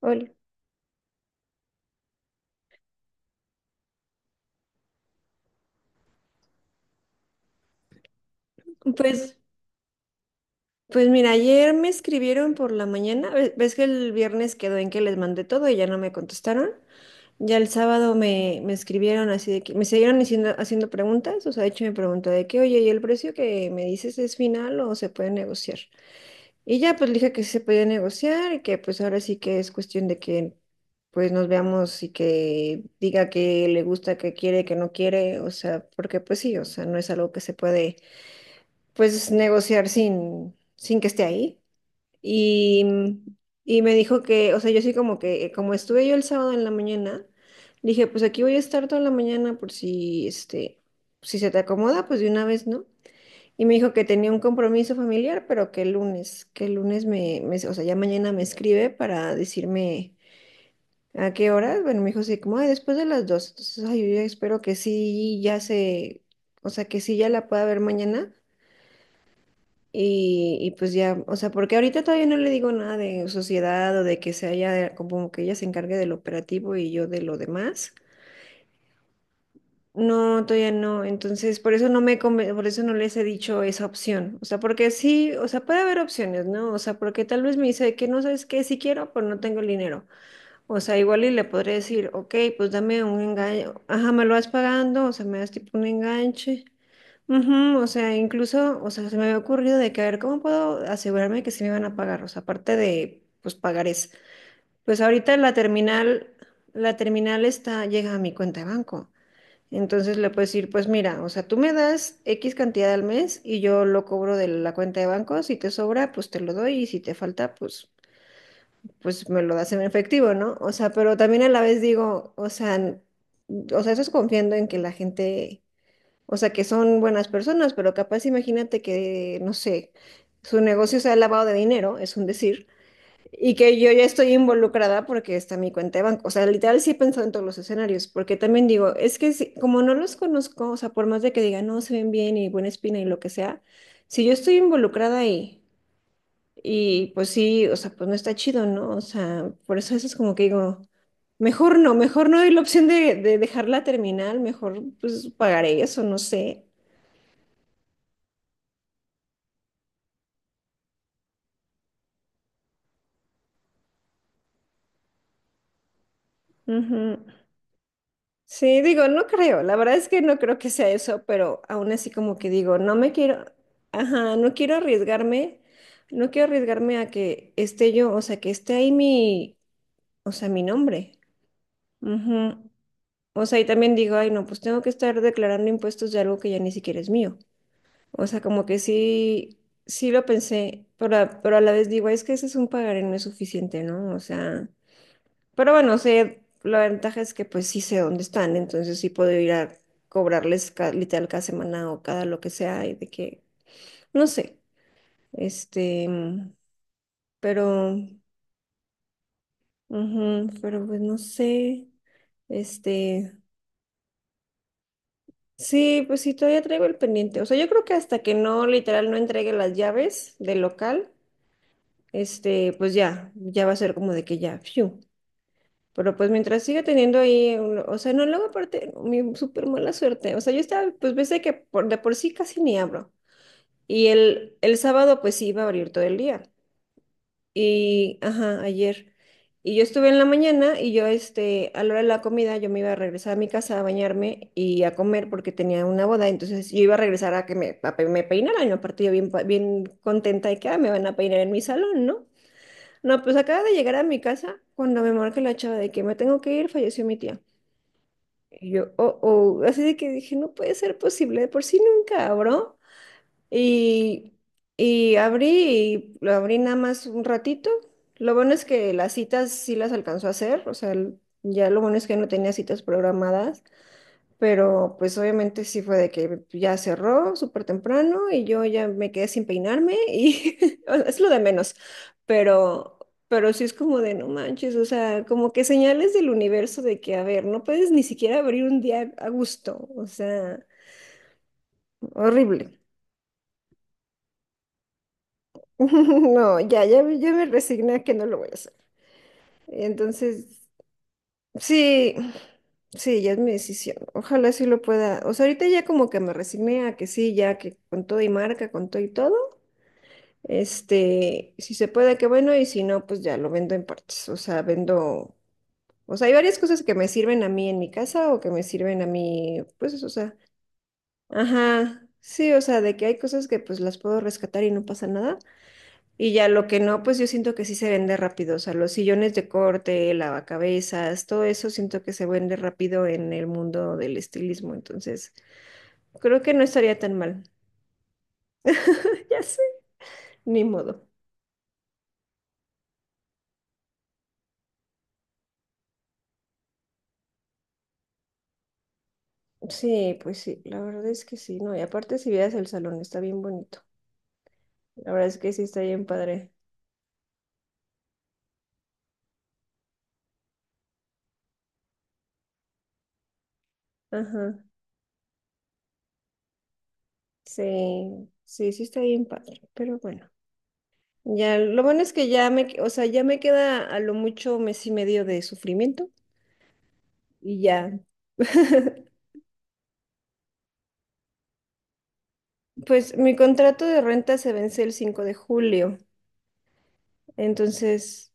Hola. Pues, pues mira, ayer me escribieron por la mañana. Ves que el viernes quedó en que les mandé todo y ya no me contestaron. Ya el sábado me escribieron así de que me siguieron haciendo preguntas. O sea, de hecho me preguntó de que, oye, ¿y el precio que me dices es final o se puede negociar? Y ya pues le dije que sí se podía negociar y que pues ahora sí que es cuestión de que pues nos veamos y que diga que le gusta, que quiere, que no quiere. O sea, porque pues sí, o sea, no es algo que se puede. Pues negociar sin que esté ahí. Y, y me dijo que, o sea, yo sí como que, como estuve yo el sábado en la mañana, dije, pues aquí voy a estar toda la mañana por si, este, si se te acomoda, pues de una vez, ¿no? Y me dijo que tenía un compromiso familiar, pero que el lunes, o sea, ya mañana me escribe para decirme a qué hora. Bueno, me dijo así como, ay, después de las dos. Entonces, ay, yo ya espero que sí, ya se, o sea, que sí ya la pueda ver mañana y pues ya, o sea, porque ahorita todavía no le digo nada de sociedad o de que se haya, como que ella se encargue del operativo y yo de lo demás. No, todavía no. Entonces, por eso no me, por eso no les he dicho esa opción. O sea, porque sí, o sea, puede haber opciones, ¿no? O sea, porque tal vez me dice que no sabes qué, si quiero, pues no tengo el dinero. O sea, igual y le podré decir, ok, pues dame un engaño, ajá, me lo vas pagando, o sea, me das tipo un enganche. Ujú, o sea, incluso, o sea, se me había ocurrido de que a ver cómo puedo asegurarme que sí me van a pagar, o sea, aparte de, pues, pagarés. Pues ahorita la terminal está, llega a mi cuenta de banco. Entonces le puedes decir, pues mira, o sea, tú me das X cantidad al mes y yo lo cobro de la cuenta de banco. Si te sobra, pues te lo doy y si te falta, pues, pues me lo das en efectivo, ¿no? O sea, pero también a la vez digo, o sea, o sea, eso es confiando en que la gente o sea, que son buenas personas, pero capaz imagínate que, no sé, su negocio sea lavado de dinero, es un decir, y que yo ya estoy involucrada porque está mi cuenta de banco. O sea, literal sí he pensado en todos los escenarios, porque también digo, es que como no los conozco, o sea, por más de que digan, no, se ven bien y buena espina y lo que sea, si yo estoy involucrada ahí, y pues sí, o sea, pues no está chido, ¿no? O sea, por eso eso es como que digo... mejor no hay la opción de dejarla terminar, mejor pues pagaré eso, no sé. Ujú. Sí, digo, no creo, la verdad es que no creo que sea eso, pero aún así como que digo, no me quiero, ajá, no quiero arriesgarme, no quiero arriesgarme a que esté yo, o sea, que esté ahí mi, o sea, mi nombre. Ujú. O sea, y también digo, ay, no, pues tengo que estar declarando impuestos de algo que ya ni siquiera es mío. O sea, como que sí, sí lo pensé, pero, pero a la vez digo, es que ese es un pagaré no es suficiente, ¿no? O sea... Pero bueno, sé, la ventaja es que pues sí sé dónde están, entonces sí puedo ir a cobrarles literal cada semana o cada lo que sea y de que, no sé, este, pero, ujú, pero pues no sé, este, sí, pues sí, todavía traigo el pendiente. O sea, yo creo que hasta que no, literal, no entregue las llaves del local, este, pues ya, ya va a ser como de que ya, fiu. Pero pues mientras siga teniendo ahí, o sea, no, luego aparte, mi súper mala suerte. O sea, yo estaba, pues pensé que por, de por sí casi ni abro. Y el sábado pues sí iba a abrir todo el día. Y, ajá, ayer. Y yo estuve en la mañana y yo, este, a la hora de la comida, yo me iba a regresar a mi casa a bañarme y a comer porque tenía una boda. Entonces yo iba a regresar a que me, me peinaran. Y aparte yo bien, bien contenta de que "Ah, me van a peinar en mi salón, ¿no? No, pues acaba de llegar a mi casa cuando me marca la chava de que me tengo que ir, falleció mi tía. Y yo, oh, oh, así de que dije, no puede ser posible, de por sí nunca abro. Y, y abrí, y lo abrí nada más un ratito. Lo bueno es que las citas sí las alcanzó a hacer, o sea, ya lo bueno es que no tenía citas programadas. Pero pues obviamente sí fue de que ya cerró súper temprano y yo ya me quedé sin peinarme y o sea, es lo de menos. Pero, pero sí es como de no manches, o sea, como que señales del universo de que, a ver, no puedes ni siquiera abrir un día a gusto. O sea, horrible. No, ya, ya, ya me resigné a que no lo voy a hacer. Entonces, sí, sí, ya es mi decisión. Ojalá sí lo pueda. O sea, ahorita ya como que me resigné a que sí, ya que con todo y marca, con todo y todo. Este, si se puede, qué bueno, y si no, pues ya lo vendo en partes. O sea, vendo, o sea, hay varias cosas que me sirven a mí en mi casa o que me sirven a mí, pues, o sea, ajá, sí, o sea, de que hay cosas que pues las puedo rescatar y no pasa nada. Y ya lo que no, pues yo siento que sí se vende rápido. O sea, los sillones de corte, lavacabezas, todo eso siento que se vende rápido en el mundo del estilismo. Entonces, creo que no estaría tan mal. Ya sé, ni modo. Sí, pues sí, la verdad es que sí, ¿no? Y aparte si vieras el salón, está bien bonito. La verdad es que sí está bien padre. Ajá, sí, sí, sí está bien padre, pero bueno. Ya, lo bueno es que ya me, o sea, ya me queda a lo mucho mes y medio de sufrimiento y ya. Pues mi contrato de renta se vence el 5 de julio, entonces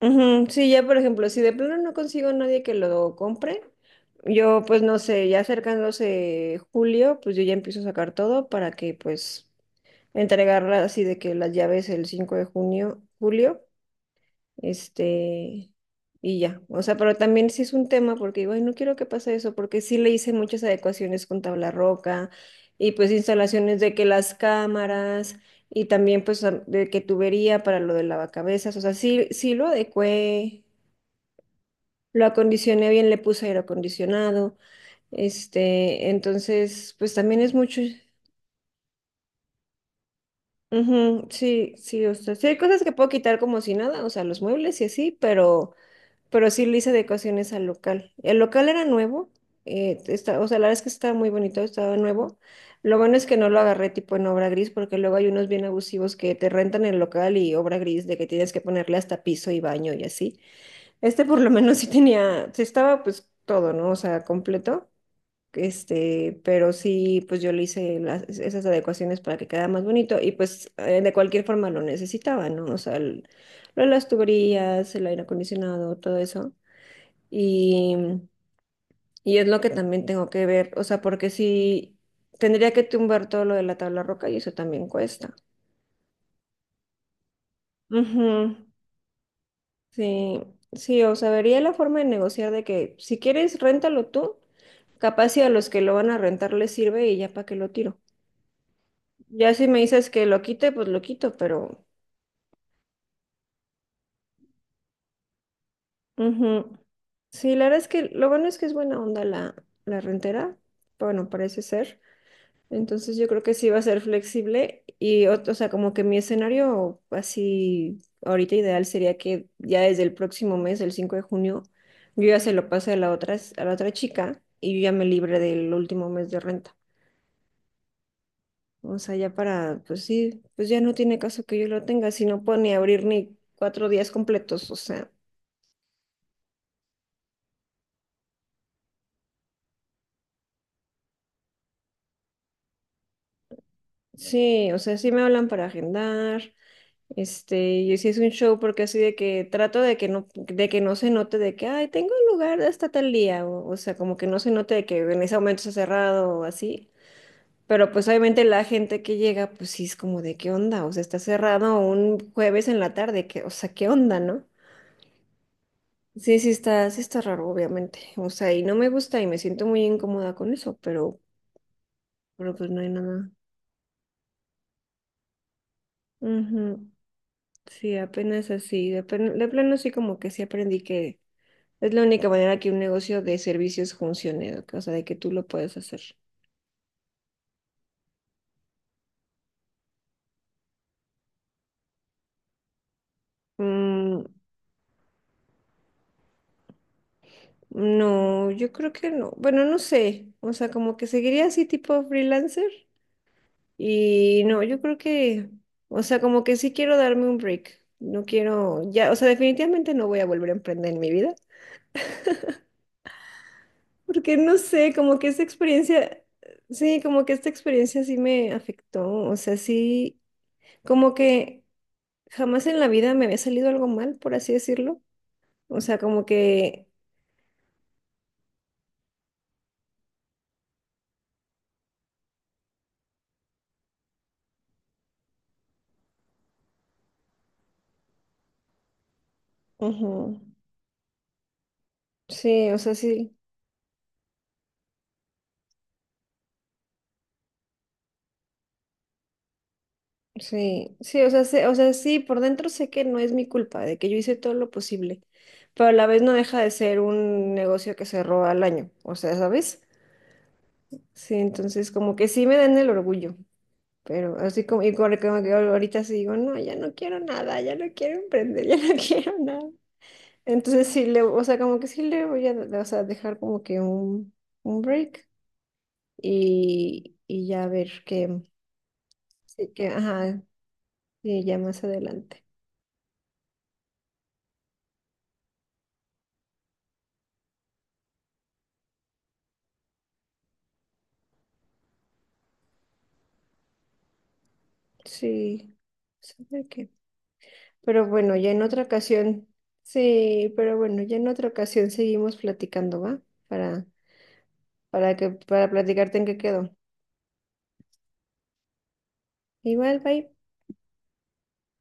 ujú, sí, ya por ejemplo, si de plano no consigo a nadie que lo compre, yo pues no sé, ya acercándose julio, pues yo ya empiezo a sacar todo para que pues entregarla así de que las llaves el 5 de junio, julio, este, y ya. O sea, pero también sí es un tema porque digo, "Ay, no quiero que pase eso, porque sí le hice muchas adecuaciones con tabla roca y pues instalaciones de que las cámaras y también pues de que tubería para lo del lavacabezas, o sea, sí, sí lo adecué lo acondicioné bien, le puse aire acondicionado. Este, entonces, pues también es mucho. Ujú, sí, sí, o sea, sí hay cosas que puedo quitar como si nada, o sea, los muebles y así, pero sí le hice adecuaciones al local. El local era nuevo, está, o sea, la verdad es que estaba muy bonito, estaba nuevo. Lo bueno es que no lo agarré tipo en obra gris, porque luego hay unos bien abusivos que te rentan el local y obra gris de que tienes que ponerle hasta piso y baño y así. Este por lo menos sí tenía, sí estaba pues todo, ¿no? O sea, completo. Este, pero sí, pues yo le hice esas adecuaciones para que quedara más bonito y pues de cualquier forma lo necesitaba, ¿no? O sea, lo de las tuberías, el aire acondicionado, todo eso. Y, y es lo que también tengo que ver, o sea, porque sí, tendría que tumbar todo lo de la tabla roca y eso también cuesta. Ujú, sí, sí, o sea, vería la forma de negociar de que si quieres, réntalo tú, capaz si a los que lo van a rentar les sirve y ya para que lo tiro. Ya si me dices que lo quite, pues lo quito, pero... ujú. Sí, la verdad es que lo bueno es que es buena onda la, la rentera, bueno, parece ser. Entonces yo creo que sí va a ser flexible y, o, sea, como que mi escenario así ahorita ideal sería que ya desde el próximo mes, el 5 de junio, yo ya se lo pase a la otra, a la otra chica y yo ya me libre del último mes de renta. O sea, ya para, pues sí, pues ya no tiene caso que yo lo tenga, si no puedo ni abrir ni 4 días completos, o sea. Sí, o sea, sí me hablan para agendar, este, y sí es un show porque así de que trato de que no se note de que, ay, tengo un lugar hasta tal día, o sea, como que no se note de que en ese momento está cerrado o así, pero pues obviamente la gente que llega, pues sí es como de qué onda, o sea, está cerrado un jueves en la tarde, que, o sea, qué onda, ¿no? Sí, sí está raro, obviamente, o sea, y no me gusta y me siento muy incómoda con eso, pero pues no hay nada. Ujú. Sí, apenas así. De, de plano sí como que sí aprendí que es la única manera que un negocio de servicios funcione, o sea, de que tú lo puedes hacer. Mm, no, yo creo que no. Bueno, no sé. O sea, como que seguiría así tipo freelancer. Y no, yo creo que, o sea, como que sí quiero darme un break. No quiero, ya, o sea, definitivamente no voy a volver a emprender en mi vida. Porque no sé, como que esta experiencia, sí, como que esta experiencia sí me afectó. O sea, sí. Como que jamás en la vida me había salido algo mal, por así decirlo. O sea, como que... ujú. Sí, o sea, sí, sí, sí, o sea, o sea, sí, por dentro sé que no es mi culpa, de que yo hice todo lo posible, pero a la vez no deja de ser un negocio que cerró al año, o sea, ¿sabes? Sí, entonces como que sí me dan el orgullo, pero así como, y como que ahorita sí digo, no, ya no quiero nada, ya no quiero emprender, ya no quiero nada. Entonces sí le, o sea, como que sí le voy a, o sea, dejar como que un break y ya ver qué, sí, que, ajá, y ya más adelante. Sí, sabe qué. Pero bueno, ya en otra ocasión, sí, pero bueno, ya en otra ocasión seguimos platicando, ¿va? Para, para que, para platicarte en qué quedó. Igual, bye.